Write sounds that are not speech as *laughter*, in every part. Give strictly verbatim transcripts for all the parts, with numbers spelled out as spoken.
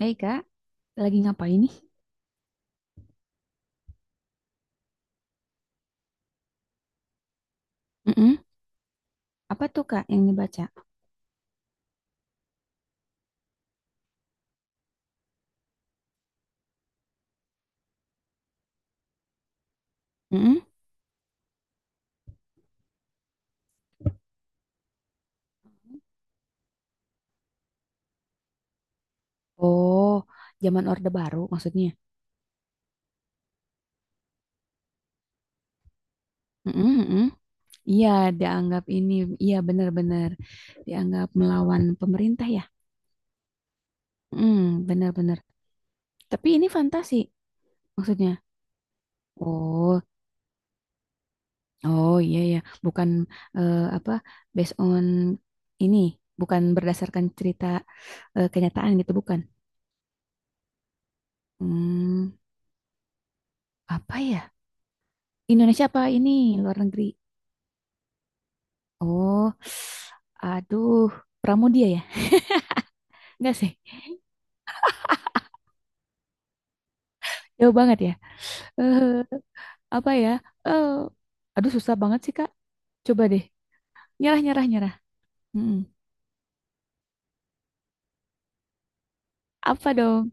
Hei kak, lagi ngapain nih? Mm-mm. Apa tuh kak yang dibaca? Mm-mm. Oh, zaman Orde Baru maksudnya. Mm-mm, mm-mm. Iya, dianggap ini, iya benar-benar dianggap melawan pemerintah ya. Hmm, benar-benar. Tapi ini fantasi maksudnya. Oh, oh iya ya, bukan eh, apa based on ini, bukan berdasarkan cerita eh, kenyataan gitu, bukan. Hmm, apa ya? Indonesia apa ini luar negeri? Oh, aduh, Pramudia ya? Enggak sih, jauh banget ya. Eh, apa ya? Eh, aduh, susah banget sih, Kak. Coba deh, nyerah, nyerah, nyerah. Mm-mm. Apa dong?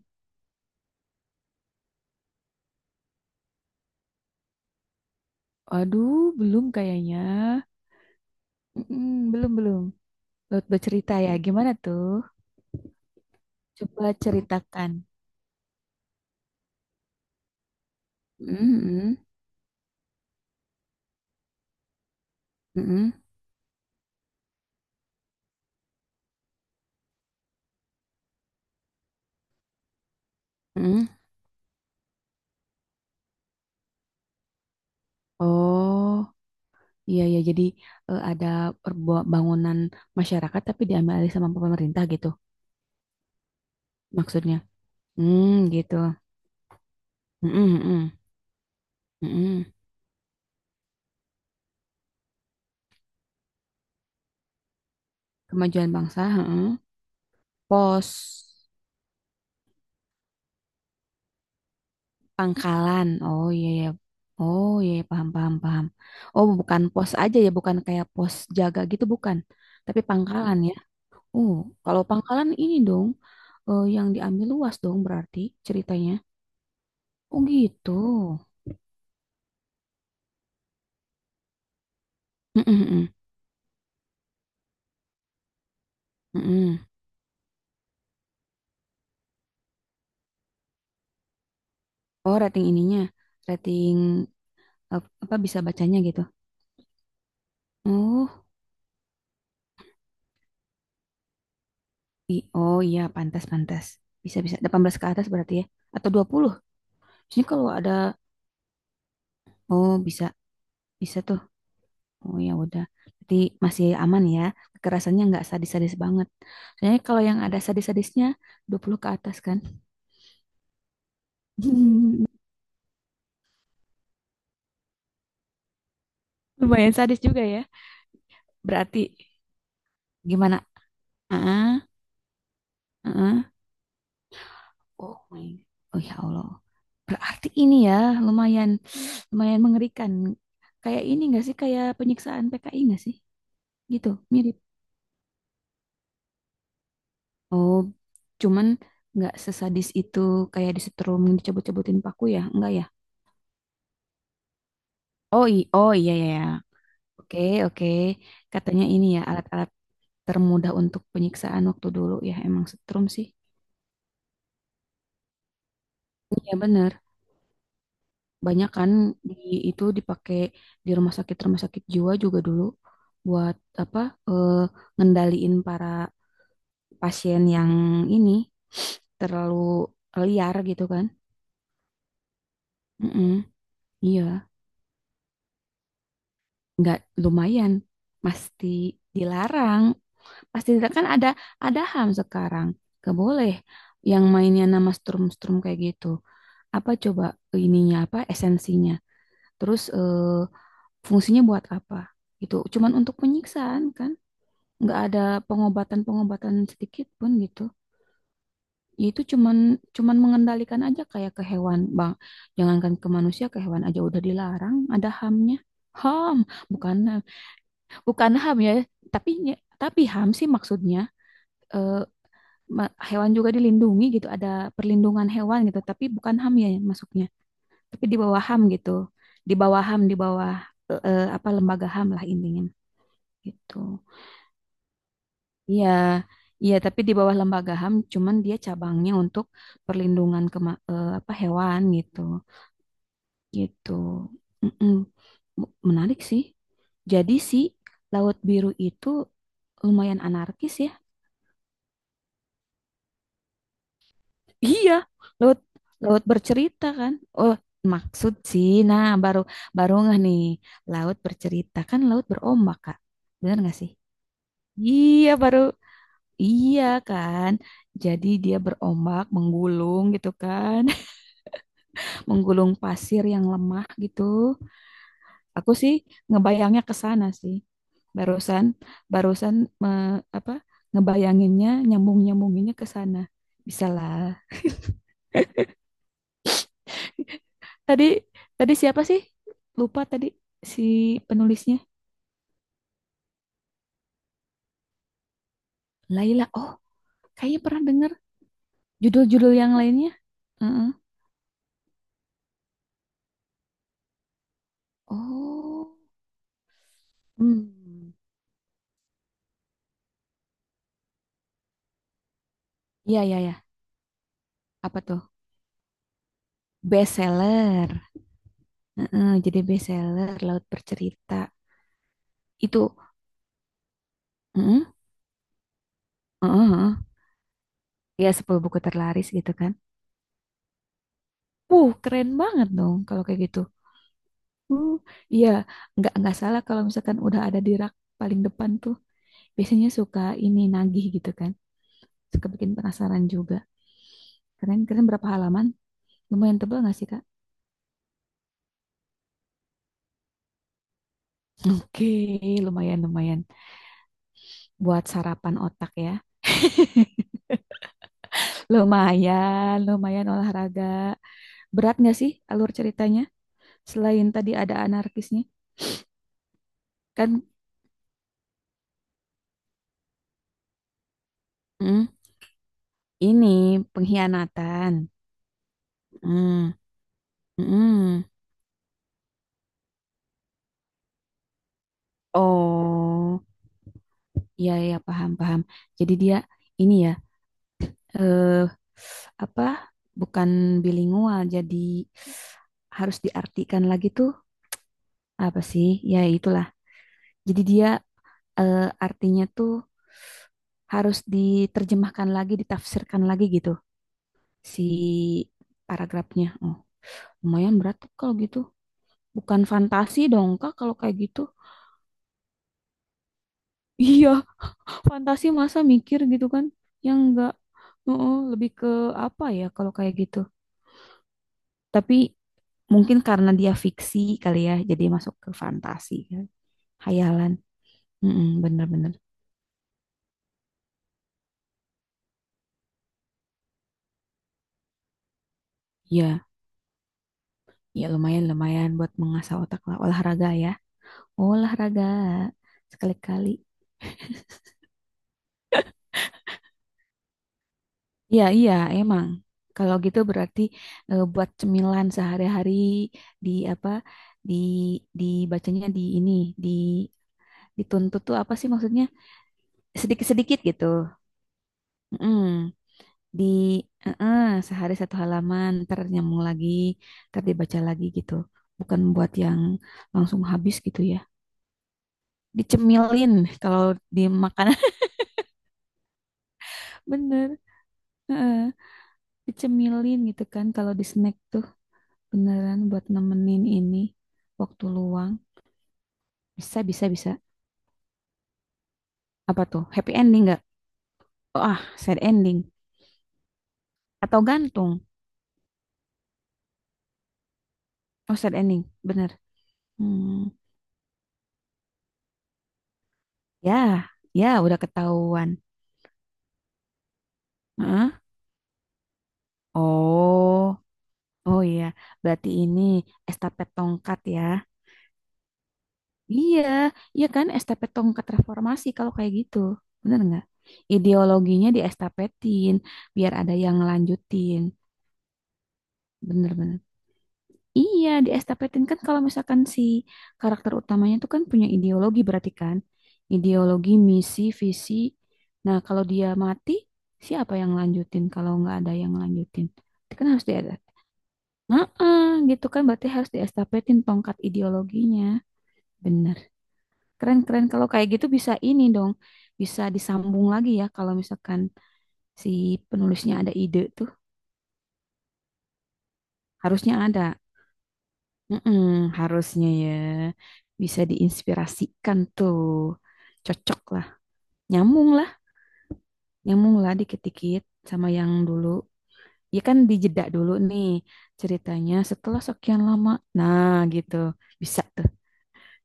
Aduh, belum kayaknya. Mm-mm, belum, belum. Laut bercerita ya, gimana tuh? Coba ceritakan. Mm-mm, mm-mm, mm-mm. Oh, iya, ya. Jadi eh, ada perbu- bangunan masyarakat tapi diambil alih sama pemerintah gitu, maksudnya. Hmm, gitu. Mhm mhm, mhm. Kemajuan bangsa, heeh. Pos pangkalan. Oh iya ya. Oh iya ya, paham paham paham. Oh, bukan pos aja ya, bukan kayak pos jaga gitu bukan. Tapi pangkalan ya. Oh, kalau pangkalan ini dong eh, yang diambil luas dong berarti ceritanya. Oh gitu. Mhm mhm, mhm. Oh, rating ininya. Rating eh, apa bisa bacanya gitu. Oh. I- oh iya, pantas, pantas. Bisa, bisa. Delapan belas ke atas berarti ya. Atau dua puluh? Maksudnya kalau ada, oh bisa, bisa tuh. Oh ya udah. Berarti masih aman ya. Kekerasannya nggak sadis-sadis banget. Soalnya kalau yang ada sadis-sadisnya dua puluh ke atas kan. *laughs* Lumayan sadis juga ya. Berarti gimana? Ah, ah. Oh my. Oh ya Allah. Berarti ini ya lumayan, lumayan mengerikan. Kayak ini nggak sih? Kayak penyiksaan P K I nggak sih? Gitu, mirip. Oh, cuman nggak sesadis itu kayak disetrum dicabut-cabutin paku ya? Enggak ya? Oh, i oh iya iya, iya. Oke, oke. Katanya ini ya alat-alat termudah untuk penyiksaan waktu dulu ya emang setrum sih. Iya bener. Banyak kan di, itu dipakai di rumah sakit rumah sakit jiwa juga dulu buat apa? eh, Ngendaliin para pasien yang ini *sniffs* terlalu liar gitu kan? Mm-mm. Iya, nggak lumayan pasti dilarang pasti dilarang kan ada ada H A M sekarang nggak boleh yang mainnya nama strum-strum kayak gitu apa coba ininya apa esensinya terus eh, fungsinya buat apa gitu cuman untuk penyiksaan kan nggak ada pengobatan-pengobatan sedikit pun gitu. Ya itu cuman cuman mengendalikan aja kayak ke hewan bang, jangankan ke manusia ke hewan aja udah dilarang ada H A M-nya. H A M, bukan bukan HAM ya, tapi tapi H A M sih maksudnya, eh, ma- hewan juga dilindungi gitu, ada perlindungan hewan gitu, tapi bukan H A M ya masuknya, tapi di bawah H A M gitu, di bawah H A M, di bawah eh, eh, apa lembaga H A M lah intinya gitu. Iya, iya tapi di bawah lembaga H A M, cuman dia cabangnya untuk perlindungan kema- eh, apa hewan gitu, gitu. Mm-mm. Menarik sih. Jadi si Laut Biru itu lumayan anarkis ya. Iya, lewat laut bercerita kan. Oh, maksud sih. Nah, baru baru nggak nih laut bercerita kan laut berombak, Kak. Benar nggak sih? Iya, baru iya kan. Jadi dia berombak, menggulung gitu kan. *laughs* Menggulung pasir yang lemah gitu. Aku sih ngebayangnya ke sana sih. Barusan barusan me- apa? Ngebayanginnya, nyambung-nyambunginnya ke sana. Bisa lah. Tadi tadi siapa sih? Lupa tadi si penulisnya. Laila. Oh, kayaknya pernah dengar judul-judul yang lainnya. Heeh. Oh. Hmm. Iya, iya, iya. Apa tuh? Bestseller. Heeh, jadi bestseller Laut Bercerita. Itu, heeh, heeh, heeh. Ya sepuluh buku terlaris gitu kan. Uh, keren banget dong kalau kayak gitu. Uh, iya, nggak nggak salah kalau misalkan udah ada di rak paling depan tuh. Biasanya suka ini nagih gitu kan, suka bikin penasaran juga. Keren, keren berapa halaman? Lumayan tebal nggak sih, Kak? Oke, lumayan, lumayan. Buat sarapan otak ya. Lumayan, lumayan olahraga. Berat nggak sih alur ceritanya? Selain tadi ada anarkisnya. Kan mm, ini pengkhianatan. Mm, mm. Oh, iya, iya, paham, paham. Jadi dia ini ya, eh apa bukan bilingual jadi harus diartikan lagi tuh apa sih ya itulah jadi dia, eh, artinya tuh harus diterjemahkan lagi ditafsirkan lagi gitu si paragrafnya, oh lumayan berat tuh kalau gitu, bukan fantasi dong kak kalau kayak gitu. *laughs* Iya fantasi masa mikir gitu kan yang enggak, oh, lebih ke apa ya kalau kayak gitu, tapi mungkin karena dia fiksi kali ya, jadi masuk ke fantasi kan. Hayalan. Mm-mm, bener-bener. Ya, ya lumayan lumayan buat mengasah otak lah olahraga ya. Olahraga sekali-kali. Iya, iya, emang. Kalau gitu berarti eh, buat cemilan sehari-hari di apa di dibacanya di ini di dituntut tuh apa sih maksudnya? Sedikit-sedikit gitu. Mm. Di eh, eh, sehari satu halaman ntar nyambung lagi ntar dibaca lagi gitu bukan buat yang langsung habis gitu ya, dicemilin kalau di makanan. *laughs* Bener, eh, dicemilin gitu kan kalau di snack tuh beneran buat nemenin ini waktu luang bisa bisa bisa. Apa tuh happy ending nggak? Oh, ah sad ending atau gantung? Oh sad ending, bener. Hmm. Ya ya udah ketahuan. Heeh. Oh, oh iya, berarti ini estafet tongkat ya. Iya, iya kan estafet tongkat reformasi kalau kayak gitu. Bener nggak? Ideologinya diestapetin biar ada yang ngelanjutin. Bener-bener. Iya, diestapetin kan kalau misalkan si karakter utamanya itu kan punya ideologi berarti kan. Ideologi, misi, visi. Nah, kalau dia mati, siapa yang lanjutin kalau nggak ada yang lanjutin? Itu kan harus diada. Heeh, gitu kan berarti harus diestapetin tongkat ideologinya. Benar. Keren-keren kalau kayak gitu bisa ini dong. Bisa disambung lagi ya kalau misalkan si penulisnya ada ide tuh. Harusnya ada. Mm-mm, harusnya ya. Bisa diinspirasikan tuh. Cocok lah. Nyambung lah. Nyambung lah dikit-dikit sama yang dulu. Ya kan dijeda dulu nih ceritanya setelah sekian lama. Nah gitu. Bisa tuh.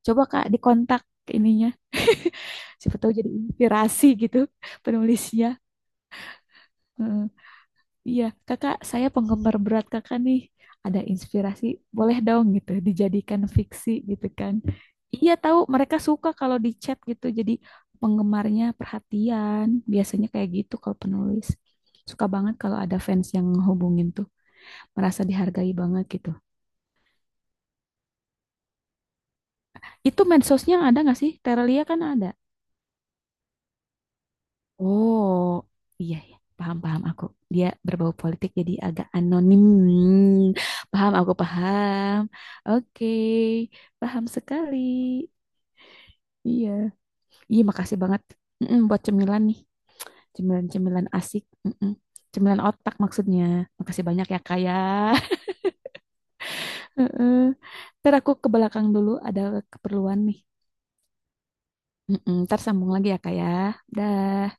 Coba Kak dikontak ininya. *laughs* Siapa tahu jadi inspirasi gitu penulisnya. Heeh. Iya, kakak, saya penggemar berat kakak nih. Ada inspirasi, boleh dong gitu, dijadikan fiksi gitu kan. Iya tahu, mereka suka kalau di chat gitu, jadi penggemarnya perhatian. Biasanya kayak gitu kalau penulis. Suka banget kalau ada fans yang hubungin tuh, merasa dihargai banget gitu. Itu mensosnya ada nggak sih? Terelia kan ada. Oh, iya ya, paham paham aku. Dia berbau politik jadi agak anonim. Paham aku paham. Oke, paham sekali. Iya, iya makasih banget. Mm-mm, buat cemilan nih, cemilan-cemilan asik. Mm-mm. Cemilan otak maksudnya. Makasih banyak ya kak ya. *laughs* Heeh. Ntar aku ke belakang dulu ada keperluan nih. Mm-mm, ntar sambung lagi ya kak ya. Dah.